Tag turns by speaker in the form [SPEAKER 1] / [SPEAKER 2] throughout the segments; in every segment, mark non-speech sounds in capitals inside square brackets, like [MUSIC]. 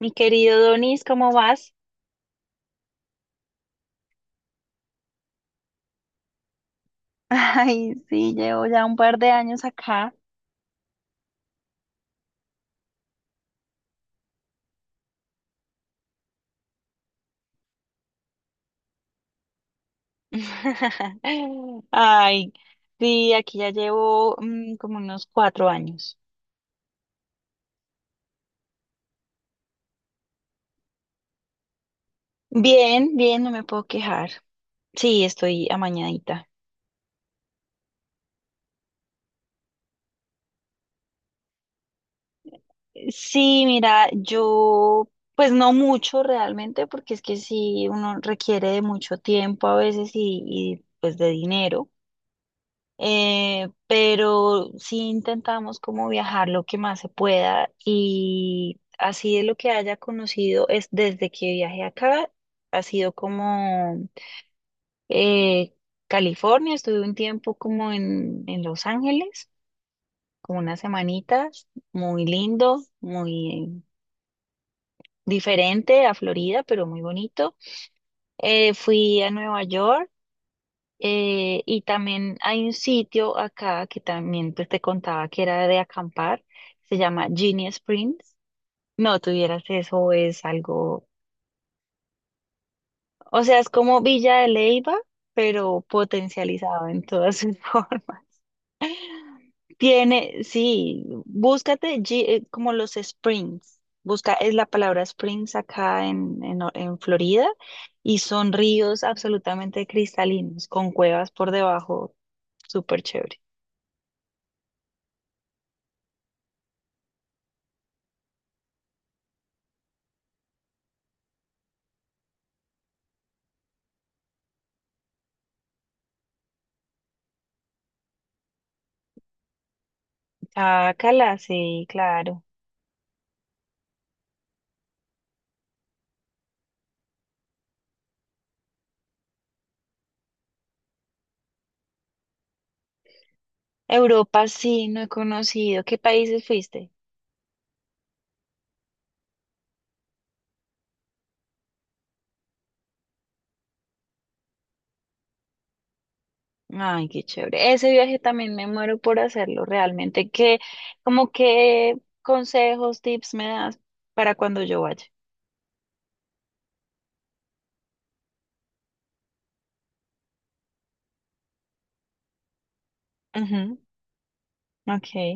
[SPEAKER 1] Mi querido Donis, ¿cómo vas? [LAUGHS] Ay, sí, llevo ya un par de años acá. [LAUGHS] Ay, sí, aquí ya llevo como unos 4 años. Bien, bien, no me puedo quejar. Sí, estoy amañadita. Sí, mira, pues no mucho realmente, porque es que sí, uno requiere de mucho tiempo a veces y pues de dinero. Pero sí intentamos como viajar lo que más se pueda y así de lo que haya conocido es desde que viajé acá, ha sido como eh, California. Estuve un tiempo como en Los Ángeles, como unas semanitas, muy lindo, muy diferente a Florida, pero muy bonito. Fui a Nueva York. Y también hay un sitio acá que también pues, te contaba que era de acampar, se llama Genie Springs. No tuvieras eso, es algo, o sea, es como Villa de Leyva, pero potencializado en todas sus [LAUGHS] formas. Tiene, sí, búscate como los Springs. Busca, es la palabra Springs acá en Florida, y son ríos absolutamente cristalinos, con cuevas por debajo, súper chévere. Ah, Cala, sí, claro. Europa sí, no he conocido. ¿Qué países fuiste? Ay, qué chévere. Ese viaje también me muero por hacerlo, realmente. ¿Qué, como qué consejos, tips me das para cuando yo vaya? Ujú. Ok,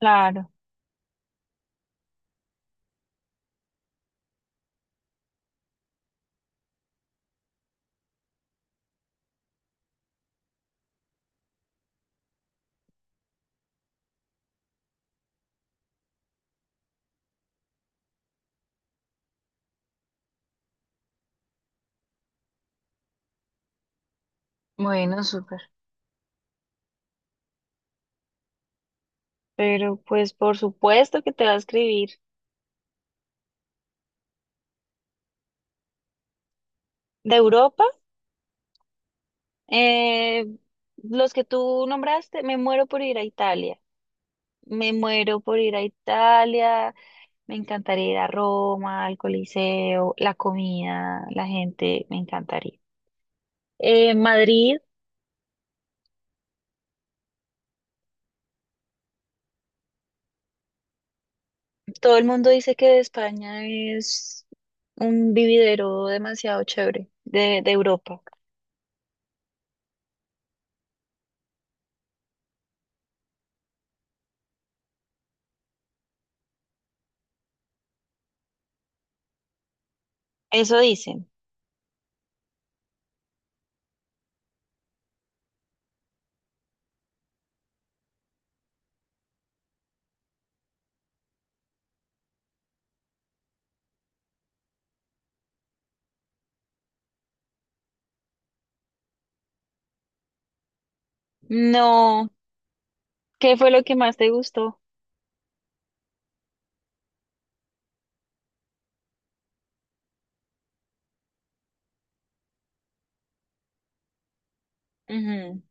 [SPEAKER 1] claro. Bueno, súper. Pero pues por supuesto que te va a escribir. De Europa, eh, los que tú nombraste, me muero por ir a Italia. Me muero por ir a Italia. Me encantaría ir a Roma, al Coliseo, la comida, la gente, me encantaría. Madrid, todo el mundo dice que España es un vividero demasiado chévere de Europa. Eso dicen. No, ¿qué fue lo que más te gustó? Ujú,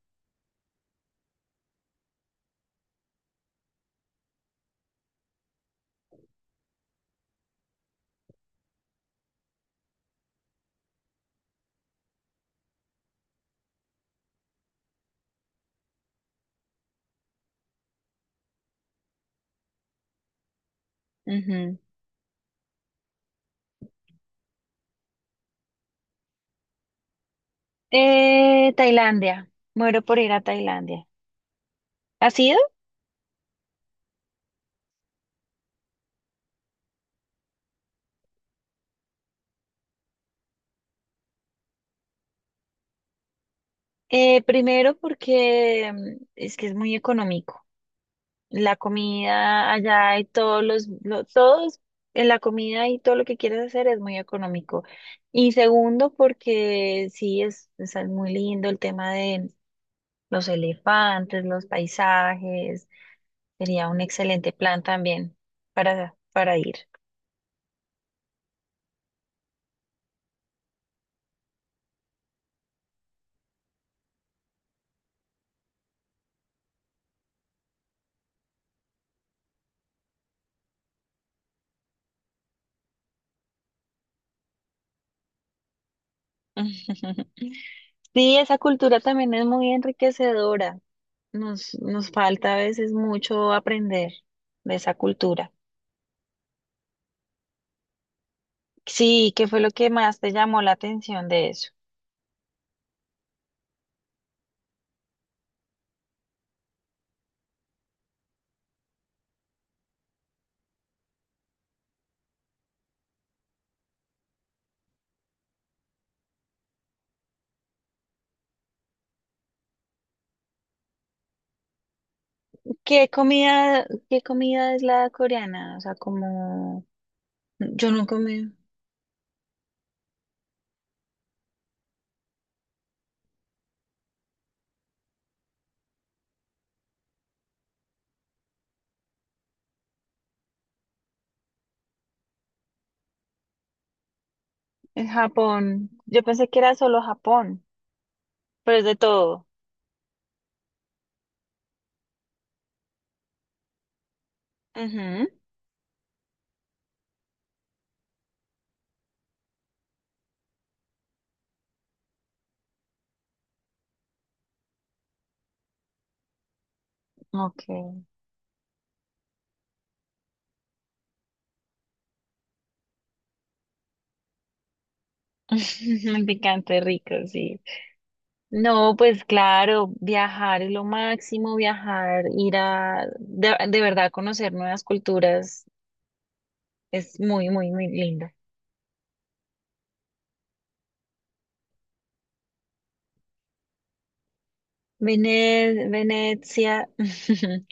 [SPEAKER 1] ujú. Tailandia, muero por ir a Tailandia. ¿Has ido? Primero porque es que es muy económico, la comida allá y todos todos en la comida y todo lo que quieras hacer es muy económico. Y segundo, porque sí es muy lindo el tema de los elefantes, los paisajes, sería un excelente plan también para ir. [LAUGHS] Sí, esa cultura también es muy enriquecedora. Nos falta a veces mucho aprender de esa cultura. Sí, ¿qué fue lo que más te llamó la atención de eso? Qué comida es la coreana? O sea, como yo no comí en Japón. Yo pensé que era solo Japón, pero es de todo. Ujú. Okay. [LAUGHS] Picante rico, sí. No, pues claro, viajar es lo máximo, viajar, ir a de verdad conocer nuevas culturas es muy, muy, muy lindo. Venecia, [LAUGHS]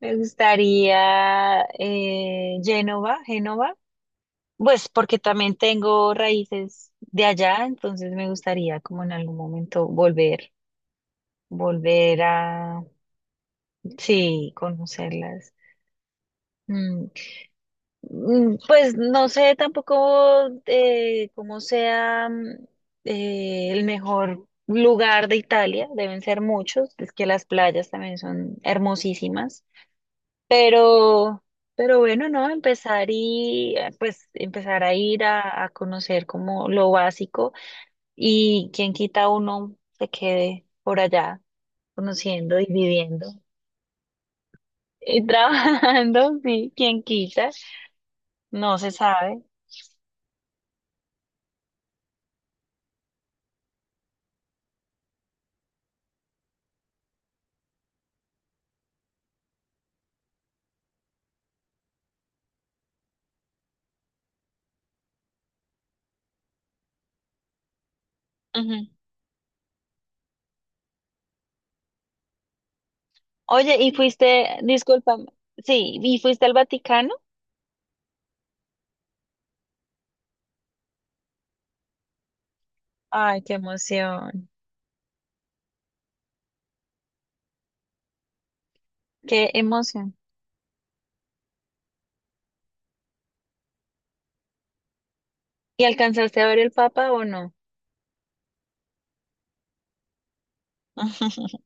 [SPEAKER 1] me gustaría Génova, Génova. Pues porque también tengo raíces de allá, entonces me gustaría como en algún momento volver, volver a, sí, conocerlas. Mm, pues no sé tampoco cómo sea, el mejor lugar de Italia, deben ser muchos, es que las playas también son hermosísimas, pero, pero bueno, no, empezar pues empezar a ir a conocer como lo básico. Y quien quita uno se quede por allá conociendo y viviendo y [LAUGHS] trabajando, sí, quien quita, no se sabe. Ujú. Oye, ¿y fuiste, disculpa, sí, ¿y fuiste al Vaticano? Ay, qué emoción, qué emoción. ¿Y alcanzaste a ver el Papa o no? [LAUGHS]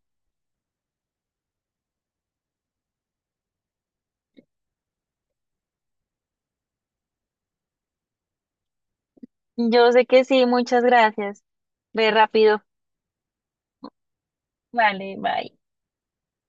[SPEAKER 1] Yo sé que sí, muchas gracias. Ve rápido. Vale, bye.